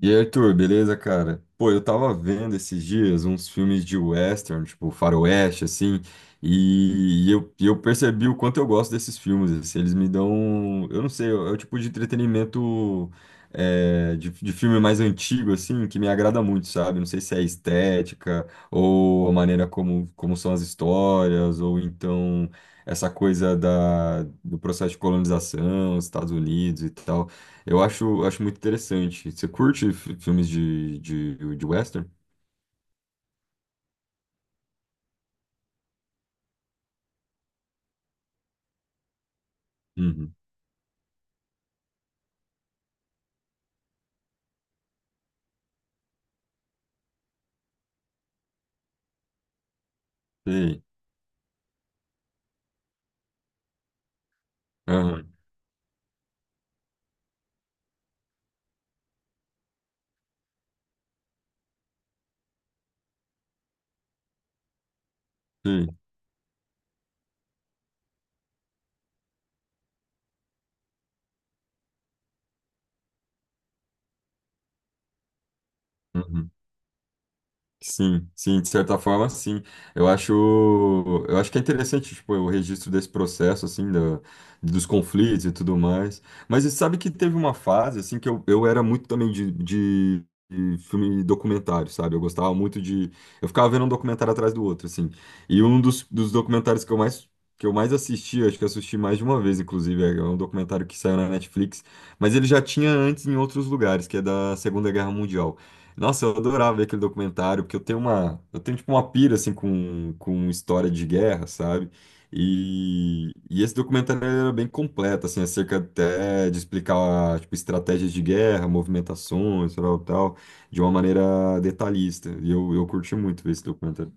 E aí, Arthur, beleza, cara? Pô, eu tava vendo esses dias uns filmes de western, tipo faroeste, assim, e eu percebi o quanto eu gosto desses filmes, assim, eles me dão, eu não sei, é o tipo de entretenimento de filme mais antigo, assim, que me agrada muito, sabe? Não sei se é a estética, ou a maneira como são as histórias, ou então essa coisa do processo de colonização, Estados Unidos e tal. Acho muito interessante. Você curte filmes de western? Uhum. Sei. Aham. Sei. Uhum. Sim, sim, de certa forma, sim. Eu acho, eu acho que é interessante, tipo, o registro desse processo, assim, da dos conflitos e tudo mais. Mas você sabe que teve uma fase, assim, que eu era muito também de filme documentário, sabe? Eu gostava muito de... Eu ficava vendo um documentário atrás do outro, assim. E um dos documentários que eu mais assisti, acho que eu assisti mais de uma vez, inclusive, é um documentário que saiu na Netflix, mas ele já tinha antes em outros lugares, que é da Segunda Guerra Mundial. Nossa, eu adorava ver aquele documentário, porque eu tenho tipo uma pira assim com história de guerra, sabe? E esse documentário ele era bem completo, assim, acerca até de explicar tipo estratégias de guerra, movimentações, tal, tal, de uma maneira detalhista. E eu curti muito ver esse documentário.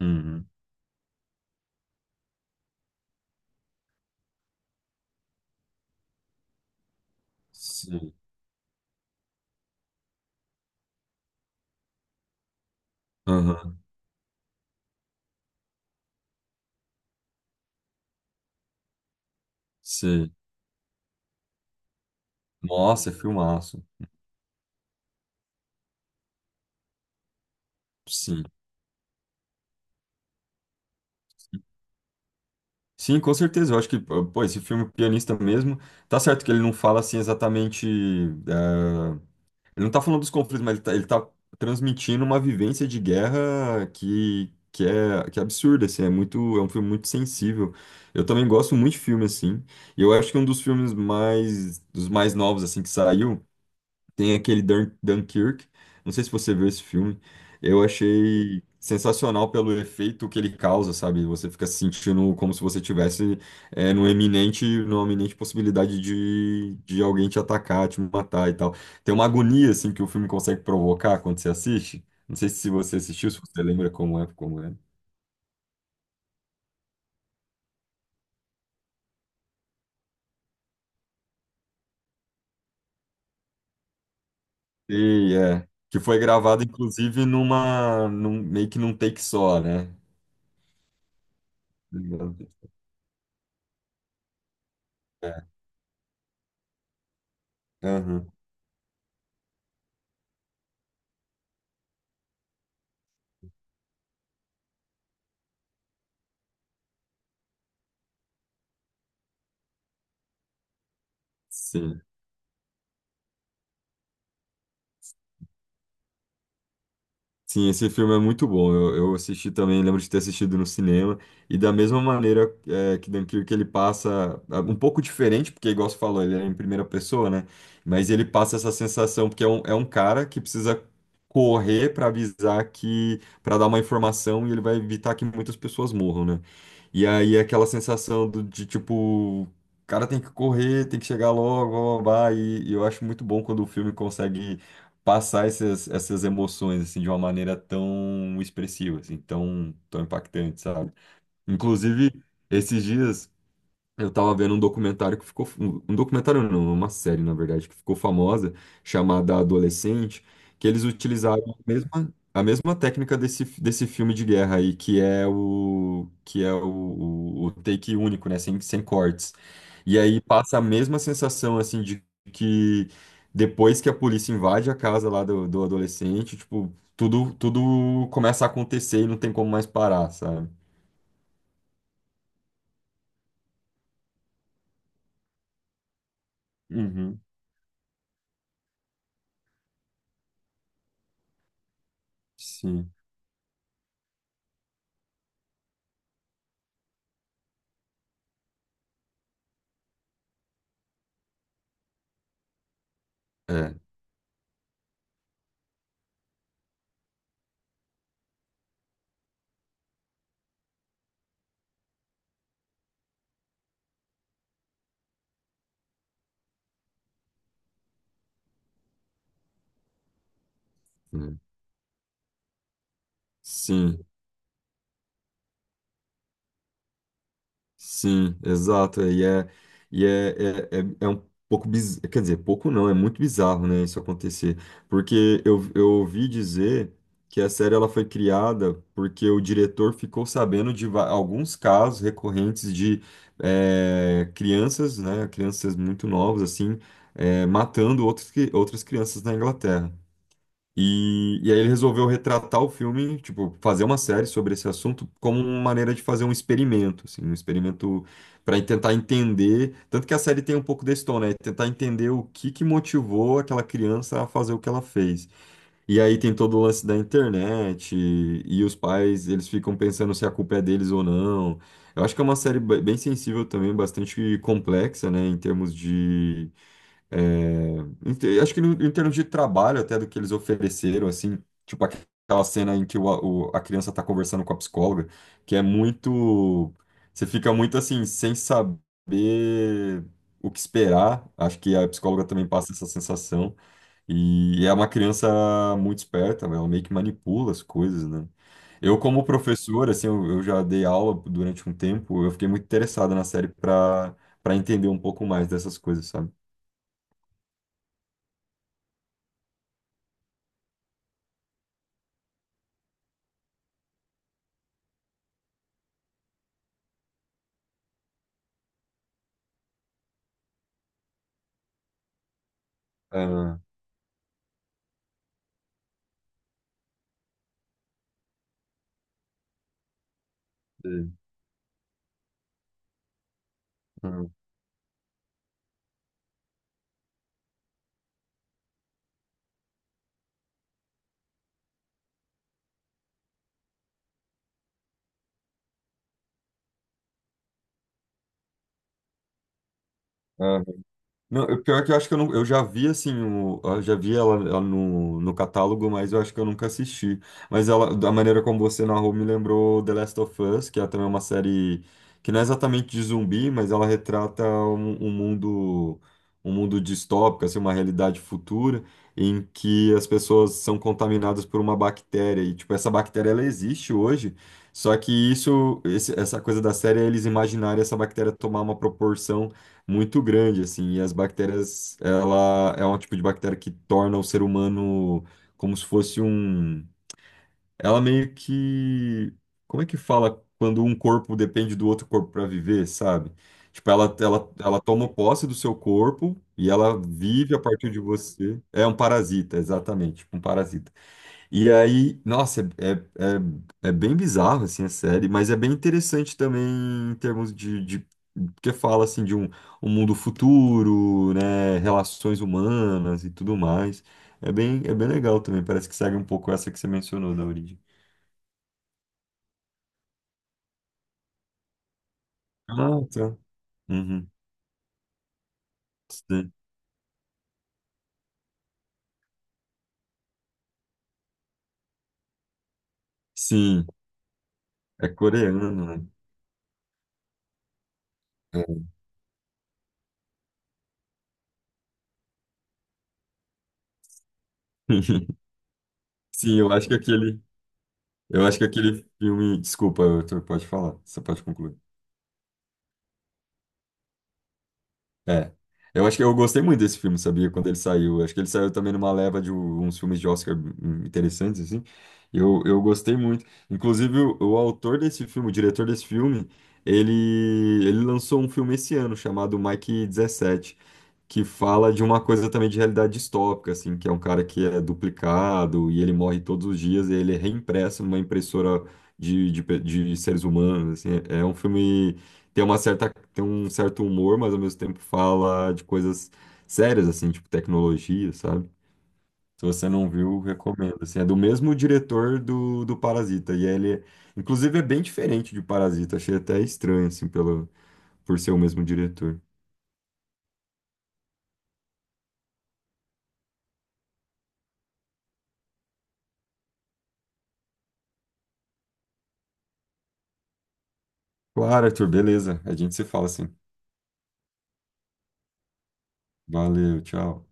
Uhum. Sim. Aham. Sim. Nossa, é filmaço. Sim. Sim, com certeza. Eu acho que, ah, pô, esse filme Pianista mesmo, tá certo que ele não fala assim exatamente. eh, Ele não tá falando dos conflitos, mas ele tá transmitindo uma vivência de guerra que é absurda, assim, é muito, é um filme muito sensível. Eu também gosto muito de filme, assim. E eu acho que um dos mais novos, assim, que saiu. Tem aquele Dunkirk. Não sei se você viu esse filme. Eu achei sensacional pelo efeito que ele causa, sabe? Você fica se sentindo como se você tivesse numa eminente possibilidade de alguém te atacar, te matar e tal. Tem uma agonia assim que o filme consegue provocar quando você assiste. Não sei se você assistiu, se você lembra como é. E é que foi gravado inclusive num, meio que num take só, né? É, aham, sim. Sim, esse filme é muito bom. Eu assisti também, lembro de ter assistido no cinema. E da mesma maneira é, que Dunkirk, ele passa ah, um pouco diferente, porque, igual você falou, ele é em primeira pessoa, né? Mas ele passa essa sensação, porque é um cara que precisa correr para avisar que, para dar uma informação e ele vai evitar que muitas pessoas morram, né? E aí é aquela sensação do, de tipo, o cara tem que correr, tem que chegar logo, blá, blá, blá, e eu acho muito bom quando o filme consegue passar essas emoções assim de uma maneira tão expressiva, assim, tão impactante, sabe? Inclusive, esses dias. Eu tava vendo um documentário que ficou. Um documentário não, uma série, na verdade, que ficou famosa, chamada Adolescente, que eles utilizaram a mesma técnica desse filme de guerra aí, que é o take único, né? Sem cortes. E aí passa a mesma sensação, assim, de que depois que a polícia invade a casa lá do adolescente, tipo, tudo começa a acontecer e não tem como mais parar, sabe? Uhum. Sim. É. É. Sim. Sim, exato. É um pouco bizarro. Quer dizer, pouco não, é muito bizarro, né, isso acontecer. Porque eu ouvi dizer que a série ela foi criada porque o diretor ficou sabendo de alguns casos recorrentes de crianças, né, crianças muito novas, assim, matando outras crianças na Inglaterra. E aí ele resolveu retratar o filme, tipo, fazer uma série sobre esse assunto como uma maneira de fazer um experimento, assim, um experimento para tentar entender, tanto que a série tem um pouco desse tom, né? Tentar entender o que que motivou aquela criança a fazer o que ela fez. E aí tem todo o lance da internet e os pais, eles ficam pensando se a culpa é deles ou não. Eu acho que é uma série bem sensível também, bastante complexa, né, em termos é, acho que em termos de trabalho até do que eles ofereceram, assim, tipo aquela cena em que a criança tá conversando com a psicóloga, que é muito, você fica muito assim, sem saber o que esperar, acho que a psicóloga também passa essa sensação, e é uma criança muito esperta, ela meio que manipula as coisas, né? Como professor, assim, eu já dei aula durante um tempo, eu fiquei muito interessado na série para para entender um pouco mais dessas coisas, sabe? Sim. Hum. Ah. Não, eu- pior que eu acho que eu, não, eu já vi assim, o, eu já vi ela, ela no, no catálogo, mas eu acho que eu nunca assisti. Mas ela, da maneira como você narrou, me lembrou The Last of Us, que é também uma série que não é exatamente de zumbi, mas ela retrata um mundo distópico, assim, uma realidade futura em que as pessoas são contaminadas por uma bactéria e tipo essa bactéria ela existe hoje, só que essa coisa da série é eles imaginarem essa bactéria tomar uma proporção muito grande, assim, e as bactérias, ela é um tipo de bactéria que torna o ser humano como se fosse um, ela meio que, como é que fala quando um corpo depende do outro corpo para viver, sabe? Tipo, ela toma posse do seu corpo e ela vive a partir de você. É um parasita, exatamente, tipo um parasita. E aí, nossa, é, é bem bizarro, assim, a série, mas é bem interessante também em termos de porque fala, assim, um mundo futuro, né, relações humanas e tudo mais. É bem legal também, parece que segue um pouco essa que você mencionou da origem. Ah, tá. Uhum. Sim. Sim, é coreano, né? É. Sim, eu acho que aquele filme, desculpa, Arthur, pode falar, você pode concluir. É. Eu acho que eu gostei muito desse filme, sabia? Quando ele saiu. Acho que ele saiu também numa leva de uns filmes de Oscar interessantes, assim. Eu gostei muito. Inclusive, o autor desse filme, o diretor desse filme, ele, ele lançou um filme esse ano chamado Mike 17, que fala de uma coisa também de realidade distópica, assim, que é um cara que é duplicado e ele morre todos os dias e ele é reimpresso numa impressora de seres humanos, assim. É um filme tem uma certa, tem um certo humor, mas ao mesmo tempo fala de coisas sérias, assim, tipo tecnologia, sabe? Se você não viu, recomendo. Assim, é do mesmo diretor do Parasita. E ele, inclusive, é bem diferente de Parasita. Achei até estranho, assim, pelo, por ser o mesmo diretor. Claro, Arthur, beleza. A gente se fala assim. Valeu, tchau.